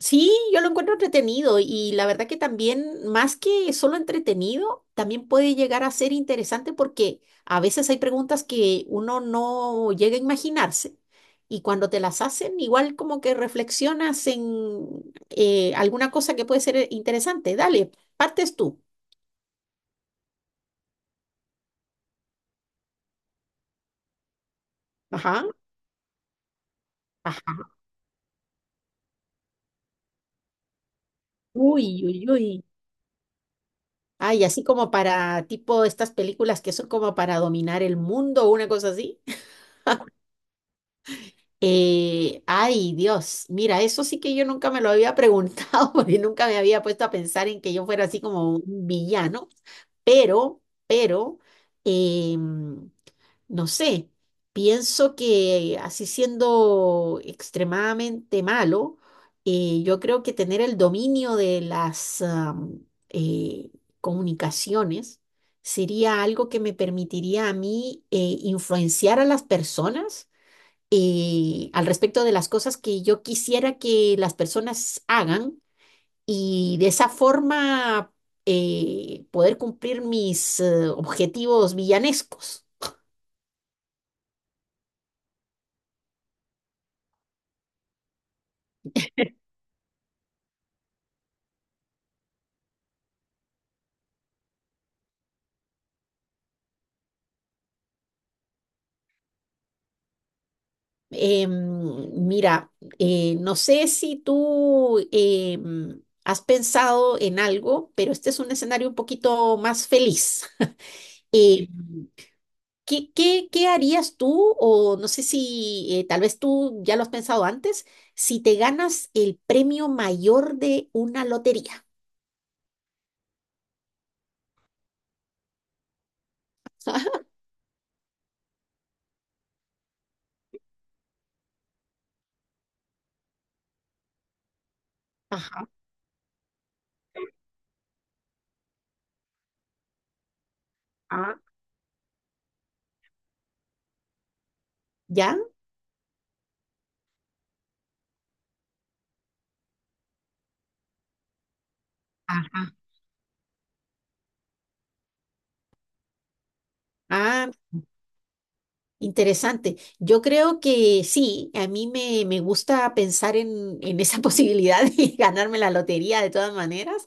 Sí, yo lo encuentro entretenido y la verdad que también, más que solo entretenido, también puede llegar a ser interesante porque a veces hay preguntas que uno no llega a imaginarse y cuando te las hacen, igual como que reflexionas en alguna cosa que puede ser interesante. Dale, partes tú. Ajá, ajá. Uy, uy, uy. Ay, así como para tipo estas películas que son como para dominar el mundo o una cosa así. Ay, Dios, mira, eso sí que yo nunca me lo había preguntado, porque nunca me había puesto a pensar en que yo fuera así como un villano, pero, pero, em, no sé, pienso que así siendo extremadamente malo, yo creo que tener el dominio de las eh, comunicaciones sería algo que me permitiría a mí influenciar a las personas al respecto de las cosas que yo quisiera que las personas hagan y de esa forma poder cumplir mis objetivos villanescos. Em, mira, no sé si tú has pensado en algo, pero este es un escenario un poquito más feliz. Em, qué harías tú? O no sé si tal vez tú ya lo has pensado antes, si te ganas el premio mayor de una lotería. Ajá. Ah, ¿ya? Ajá. Ah, interesante. Yo creo que sí, a me gusta pensar en esa posibilidad de ganarme la lotería de todas maneras.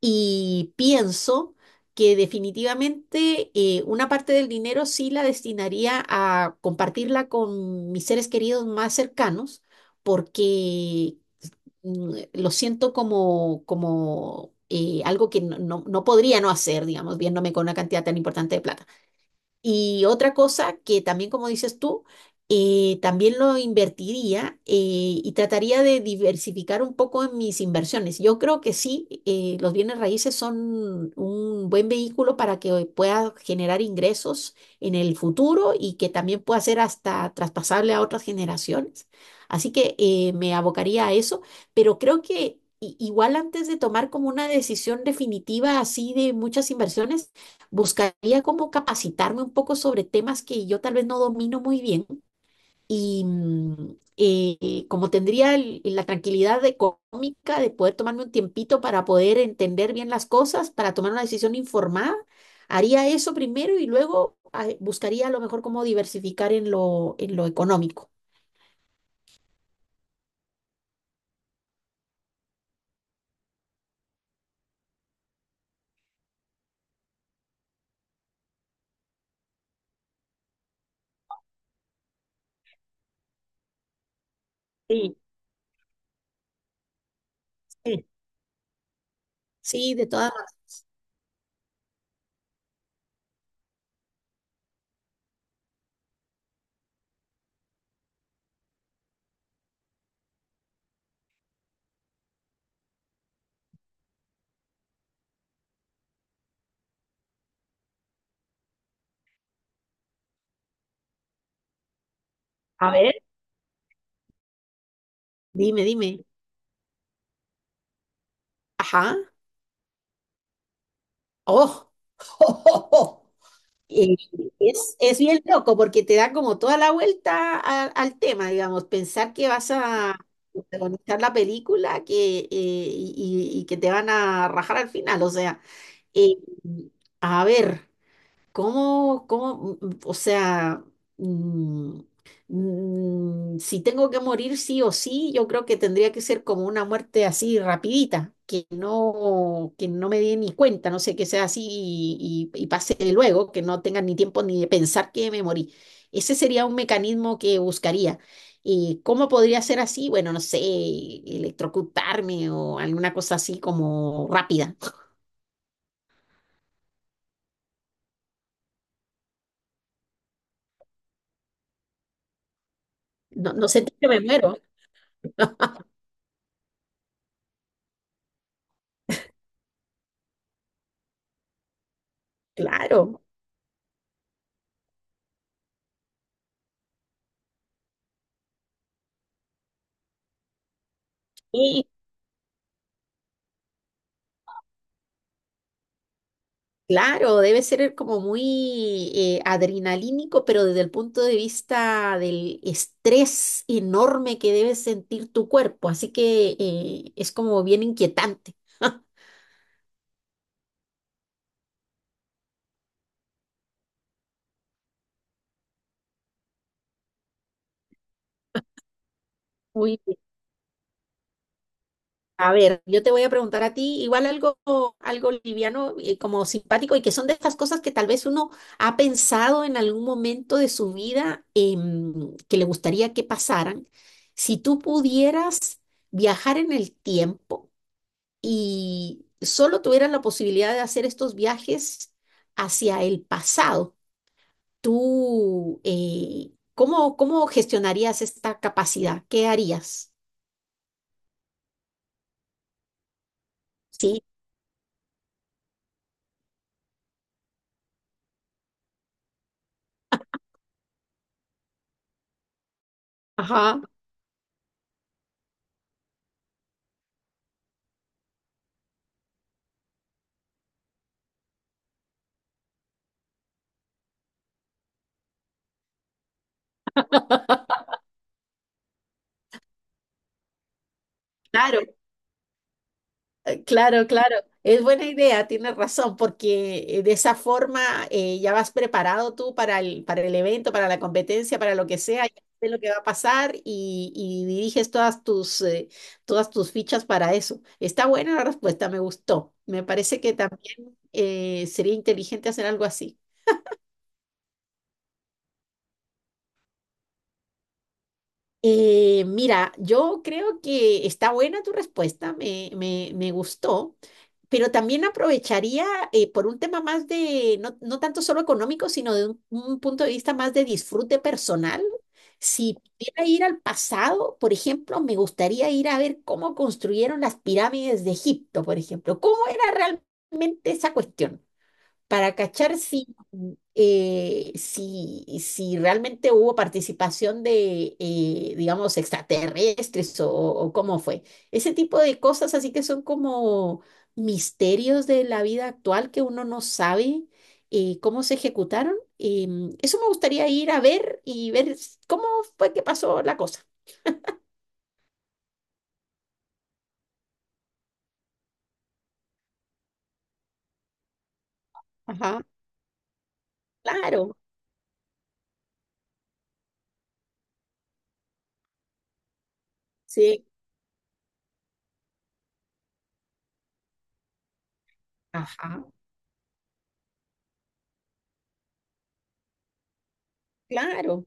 Y pienso que definitivamente una parte del dinero sí la destinaría a compartirla con mis seres queridos más cercanos, porque lo siento como, como algo que no podría no hacer, digamos, viéndome con una cantidad tan importante de plata. Y otra cosa que también, como dices tú, también lo invertiría y trataría de diversificar un poco en mis inversiones. Yo creo que sí, los bienes raíces son un buen vehículo para que pueda generar ingresos en el futuro y que también pueda ser hasta traspasable a otras generaciones. Así que me abocaría a eso, pero creo que... i- igual antes de tomar como una decisión definitiva así de muchas inversiones, buscaría como capacitarme un poco sobre temas que yo tal vez no domino muy bien y como tendría la tranquilidad económica de poder tomarme un tiempito para poder entender bien las cosas, para tomar una decisión informada, haría eso primero y luego buscaría a lo mejor cómo diversificar en en lo económico. Sí, sí. Sí, de todas maneras. A ver, dime, dime. Ajá. Oh. Eh, es bien loco porque te da como toda la vuelta al tema, digamos, pensar que vas a protagonizar la película que, y que te van a rajar al final. O sea, eh, a ver. O sea, mm, si tengo que morir sí o sí, yo creo que tendría que ser como una muerte así rapidita, que no me dé ni cuenta, no sé, que sea así y pase luego, que no tenga ni tiempo ni de pensar que me morí? Ese sería un mecanismo que buscaría. ¿Y cómo podría ser así? Bueno, no sé, electrocutarme o alguna cosa así como rápida. No, no sentir que me muero. Claro. Sí. Claro, debe ser como muy adrenalínico, pero desde el punto de vista del estrés enorme que debe sentir tu cuerpo. Así que es como bien inquietante. Muy bien. A ver, yo te voy a preguntar a ti igual algo, algo liviano, como simpático, y que son de estas cosas que tal vez uno ha pensado en algún momento de su vida que le gustaría que pasaran. Si tú pudieras viajar en el tiempo y solo tuvieras la posibilidad de hacer estos viajes hacia el pasado, tú, ¿cómo, cómo gestionarías esta capacidad? ¿Qué harías? Sí, ajá, claro. Claro, claro, es buena idea, tienes razón, porque de esa forma ya vas preparado tú para para el evento, para la competencia, para lo que sea, ya sabes lo que va a pasar y diriges todas tus fichas para eso. Está buena la respuesta, me gustó. Me parece que también sería inteligente hacer algo así. Mira, yo creo que está buena tu respuesta, me gustó, pero también aprovecharía por un tema más de, no, no tanto solo económico, sino de un punto de vista más de disfrute personal. Si pudiera ir al pasado, por ejemplo, me gustaría ir a ver cómo construyeron las pirámides de Egipto, por ejemplo, cómo era realmente esa cuestión para cachar si, si, si realmente hubo participación de, digamos, extraterrestres o cómo fue. Ese tipo de cosas así que son como misterios de la vida actual que uno no sabe cómo se ejecutaron. Eso me gustaría ir a ver y ver cómo fue que pasó la cosa. Ajá, claro, sí, ajá, claro,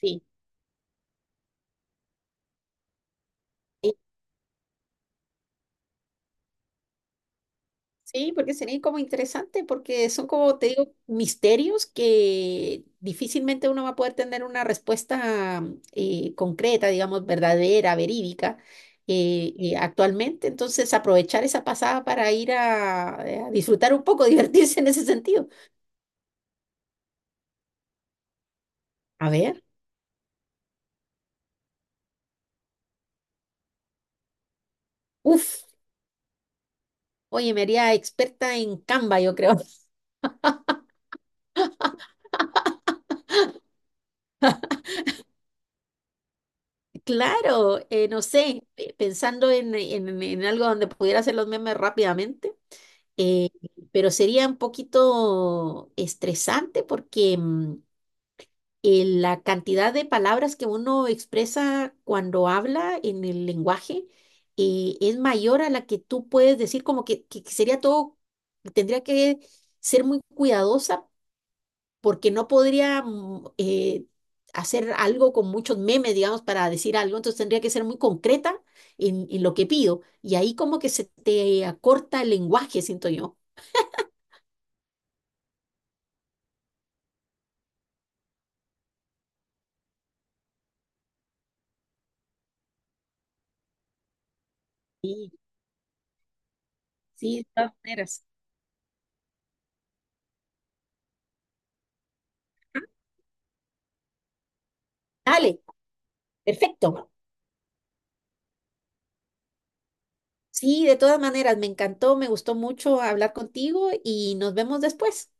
sí. Sí, porque sería como interesante, porque son como, te digo, misterios que difícilmente uno va a poder tener una respuesta concreta, digamos, verdadera, verídica, actualmente. Entonces, aprovechar esa pasada para ir a disfrutar un poco, divertirse en ese sentido. A ver, uff, oye, me haría experta en Canva, yo creo. Claro, no sé, pensando en, en algo donde pudiera hacer los memes rápidamente, eh, pero sería un poquito estresante porque la cantidad de palabras que uno expresa cuando habla en el lenguaje es mayor a la que tú puedes decir, como que sería todo, tendría que ser muy cuidadosa porque no podría hacer algo con muchos memes, digamos, para decir algo, entonces tendría que ser muy concreta en lo que pido. Y ahí como que se te acorta el lenguaje, siento yo. Sí, sí, de todas maneras. Dale, perfecto. Sí, de todas maneras, me encantó, me gustó mucho hablar contigo y nos vemos después.